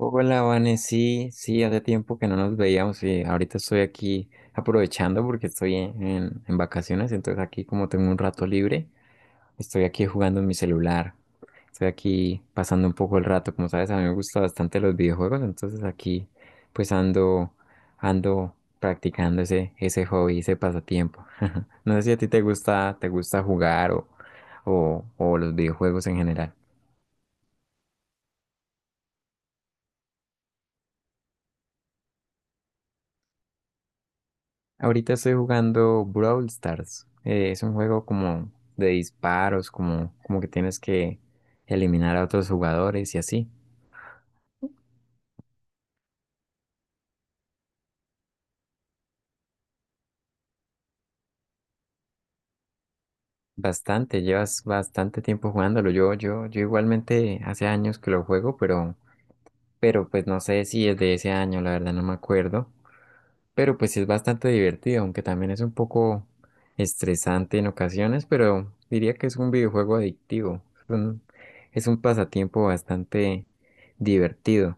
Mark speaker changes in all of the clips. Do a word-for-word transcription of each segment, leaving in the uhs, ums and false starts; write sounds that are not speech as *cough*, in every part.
Speaker 1: Hola, Vane, sí, sí, hace tiempo que no nos veíamos y ahorita estoy aquí aprovechando porque estoy en, en- en vacaciones, entonces aquí como tengo un rato libre, estoy aquí jugando en mi celular, estoy aquí pasando un poco el rato, como sabes, a mí me gustan bastante los videojuegos, entonces aquí pues ando, ando practicando ese, ese hobby, ese pasatiempo. *laughs* No sé si a ti te gusta, te gusta jugar o, o, o los videojuegos en general. Ahorita estoy jugando Brawl Stars. Eh, es un juego como de disparos, como, como que tienes que eliminar a otros jugadores y así. Bastante, llevas bastante tiempo jugándolo. Yo, yo, yo igualmente hace años que lo juego, pero, pero pues no sé si es de ese año, la verdad no me acuerdo. Pero pues sí es bastante divertido, aunque también es un poco estresante en ocasiones, pero diría que es un videojuego adictivo. Es un, es un pasatiempo bastante divertido.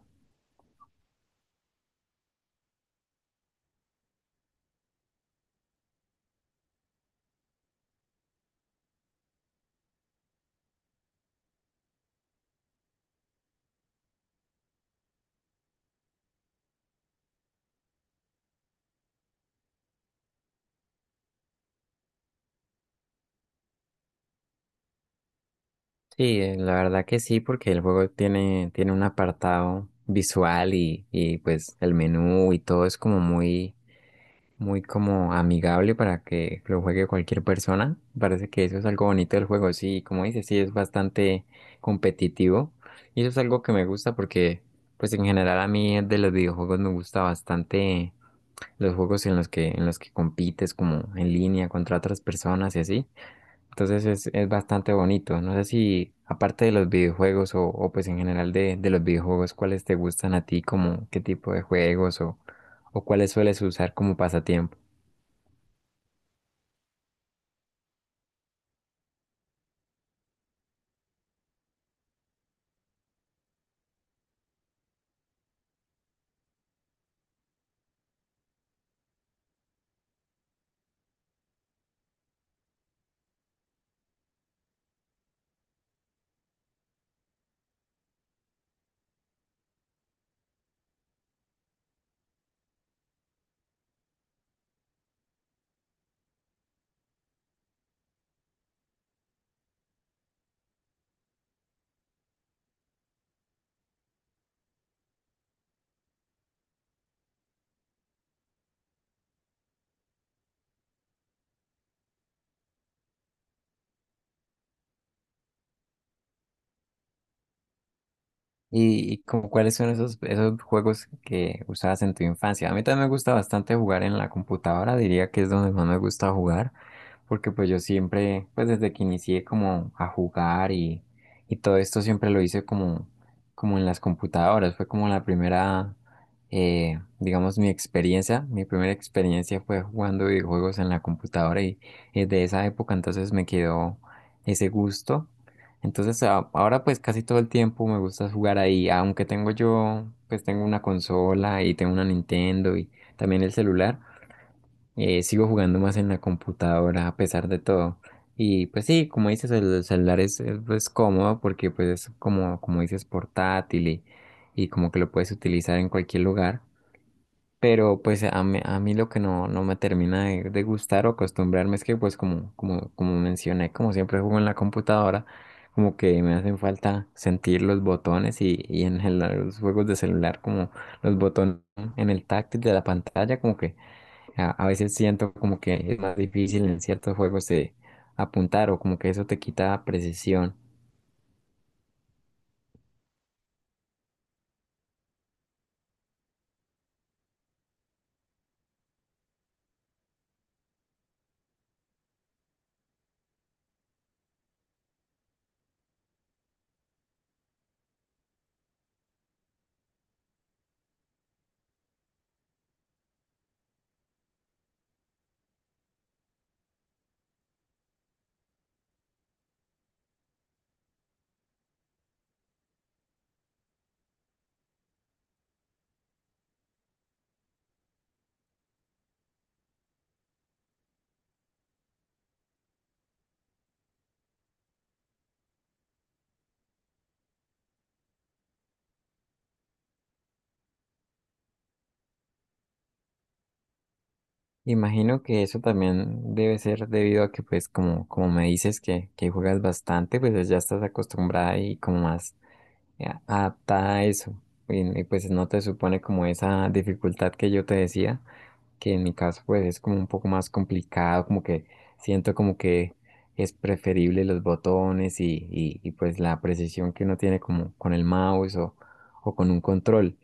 Speaker 1: Sí, eh, la verdad que sí, porque el juego tiene, tiene un apartado visual y, y pues el menú y todo es como muy, muy como amigable para que lo juegue cualquier persona. Parece que eso es algo bonito del juego, sí, como dices, sí, es bastante competitivo. Y eso es algo que me gusta porque, pues en general a mí de los videojuegos me gusta bastante los juegos en los que, en los que compites como en línea contra otras personas y así. Entonces es, es bastante bonito. No sé si, aparte de los videojuegos o, o pues en general de, de los videojuegos, ¿cuáles te gustan a ti? ¿Como qué tipo de juegos o, o cuáles sueles usar como pasatiempo? ¿Y, y como cuáles son esos, esos juegos que usabas en tu infancia? A mí también me gusta bastante jugar en la computadora, diría que es donde más me gusta jugar, porque pues yo siempre, pues desde que inicié como a jugar y, y todo esto siempre lo hice como, como en las computadoras, fue como la primera, eh, digamos, mi experiencia, mi primera experiencia fue jugando videojuegos en la computadora y, es de esa época entonces me quedó ese gusto. Entonces a- ahora pues casi todo el tiempo me gusta jugar ahí, aunque tengo yo, pues tengo una consola y tengo una Nintendo y también el celular, eh, sigo jugando más en la computadora a pesar de todo. Y pues sí, como dices, el celular es, es, pues, cómodo porque pues es como, como dices, portátil y, y como que lo puedes utilizar en cualquier lugar. Pero pues a mí, a mí lo que no, no me termina de, de gustar o acostumbrarme es que pues como, como, como mencioné, como siempre juego en la computadora, como que me hacen falta sentir los botones y, y en el- los juegos de celular como los botones en el táctil de la pantalla, como que a, a veces siento como que es más difícil en ciertos juegos de apuntar o como que eso te quita precisión. Imagino que eso también debe ser debido a que, pues, como, como me dices que, que juegas bastante, pues ya estás acostumbrada y como más eh, adaptada a eso. Y, y, pues no te supone como esa dificultad que yo te decía que en mi caso pues es como un poco más complicado, como que siento como que es preferible los botones y, y- y, pues la precisión que uno tiene como con el mouse o, o con un control.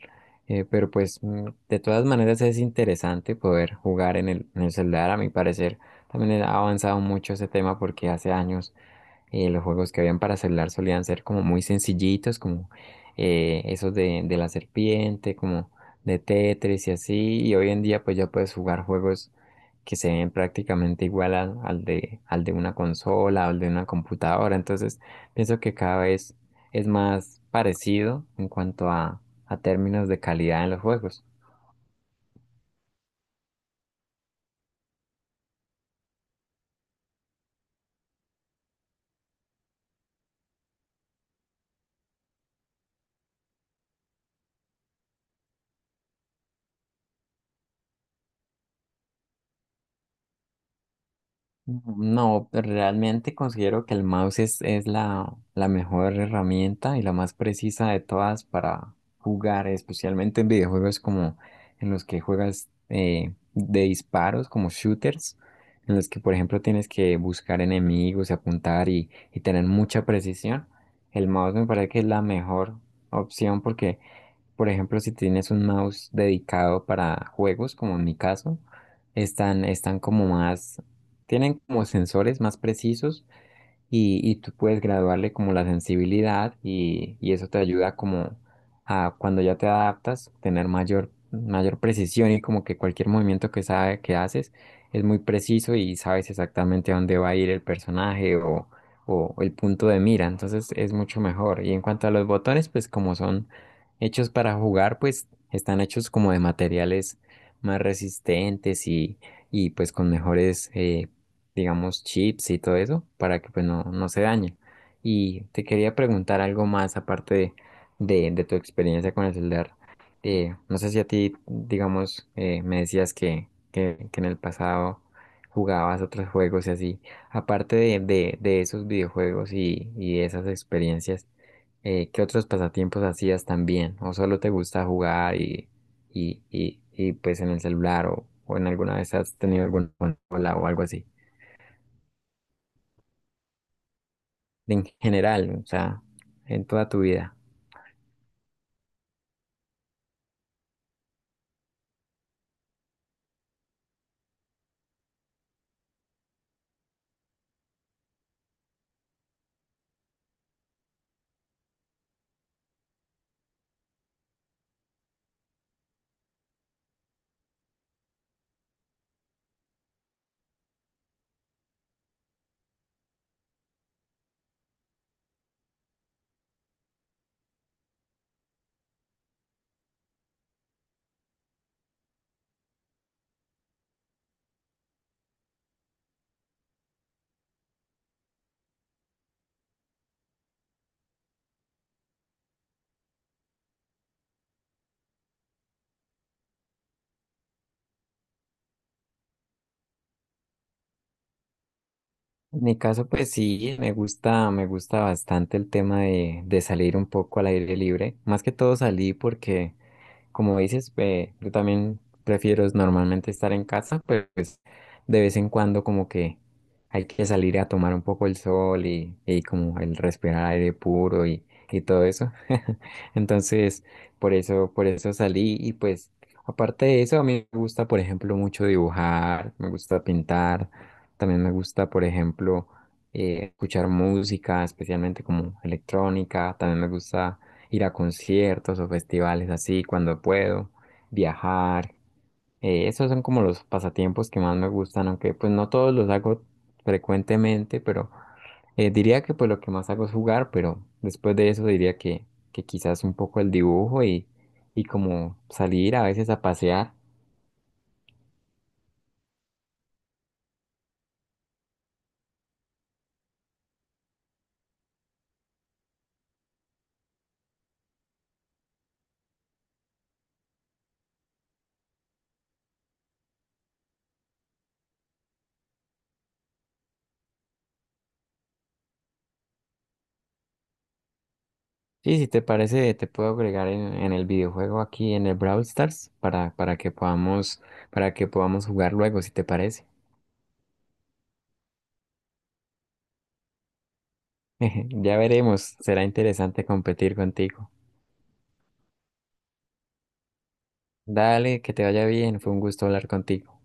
Speaker 1: Eh, pero pues mm, de todas maneras es interesante poder jugar en el, en el celular, a mi parecer. También ha avanzado mucho ese tema porque hace años eh, los juegos que habían para celular solían ser como muy sencillitos, como eh, esos de, de la serpiente, como de Tetris y así, y hoy en día pues ya puedes jugar juegos que se ven prácticamente igual al, al de, al de una consola o al de una computadora, entonces pienso que cada vez es más parecido en cuanto a, a términos de calidad en los juegos. No, realmente considero que el mouse es, es la, la mejor herramienta y la más precisa de todas para jugar, especialmente en videojuegos como en los que juegas eh, de disparos, como shooters, en los que, por ejemplo, tienes que buscar enemigos y apuntar y, y tener mucha precisión. El mouse me parece que es la mejor opción porque por ejemplo, si tienes un mouse dedicado para juegos, como en mi caso, están, están como más, tienen como sensores más precisos y, y tú puedes graduarle como la sensibilidad y, y eso te ayuda como a cuando ya te adaptas, tener mayor, mayor precisión y como que cualquier movimiento que sabe que haces es muy preciso y sabes exactamente a dónde va a ir el personaje o, o el punto de mira, entonces es mucho mejor. Y en cuanto a los botones, pues como son hechos para jugar, pues están hechos como de materiales más resistentes y, y pues con mejores eh, digamos, chips y todo eso, para que pues no, no se dañe. Y te quería preguntar algo más aparte de, de, de tu experiencia con el celular. Eh, no sé si a ti, digamos, eh, me decías que, que, que en el pasado jugabas otros juegos y así. Aparte de, de, de esos videojuegos y, y esas experiencias, eh, ¿qué otros pasatiempos hacías también? ¿O solo te gusta jugar y, y, y, y pues en el celular o, o en alguna vez has tenido alguna consola o algo así? En general, o sea, en toda tu vida. En mi caso, pues sí, me gusta, me gusta bastante el tema de, de salir un poco al aire libre. Más que todo salí porque como dices, eh, yo también prefiero es normalmente estar en casa, pero pues de vez en cuando como que hay que salir a tomar un poco el sol y, y como el respirar aire puro y, y todo eso. *laughs* Entonces, por eso, por eso salí y pues aparte de eso, a mí me gusta, por ejemplo, mucho dibujar, me gusta pintar, también me gusta, por ejemplo, eh, escuchar música, especialmente como electrónica, también me gusta ir a conciertos o festivales así cuando puedo, viajar. Eh, esos son como los pasatiempos que más me gustan, aunque pues no todos los hago frecuentemente, pero eh, diría que pues lo que más hago es jugar, pero después de eso diría que, que quizás un poco el dibujo y, y como salir a veces a pasear. Sí, si te parece, te puedo agregar en, en el videojuego aquí en el Brawl Stars para, para que podamos, para que podamos jugar luego, si te parece. *laughs* Ya veremos, será interesante competir contigo. Dale, que te vaya bien, fue un gusto hablar contigo.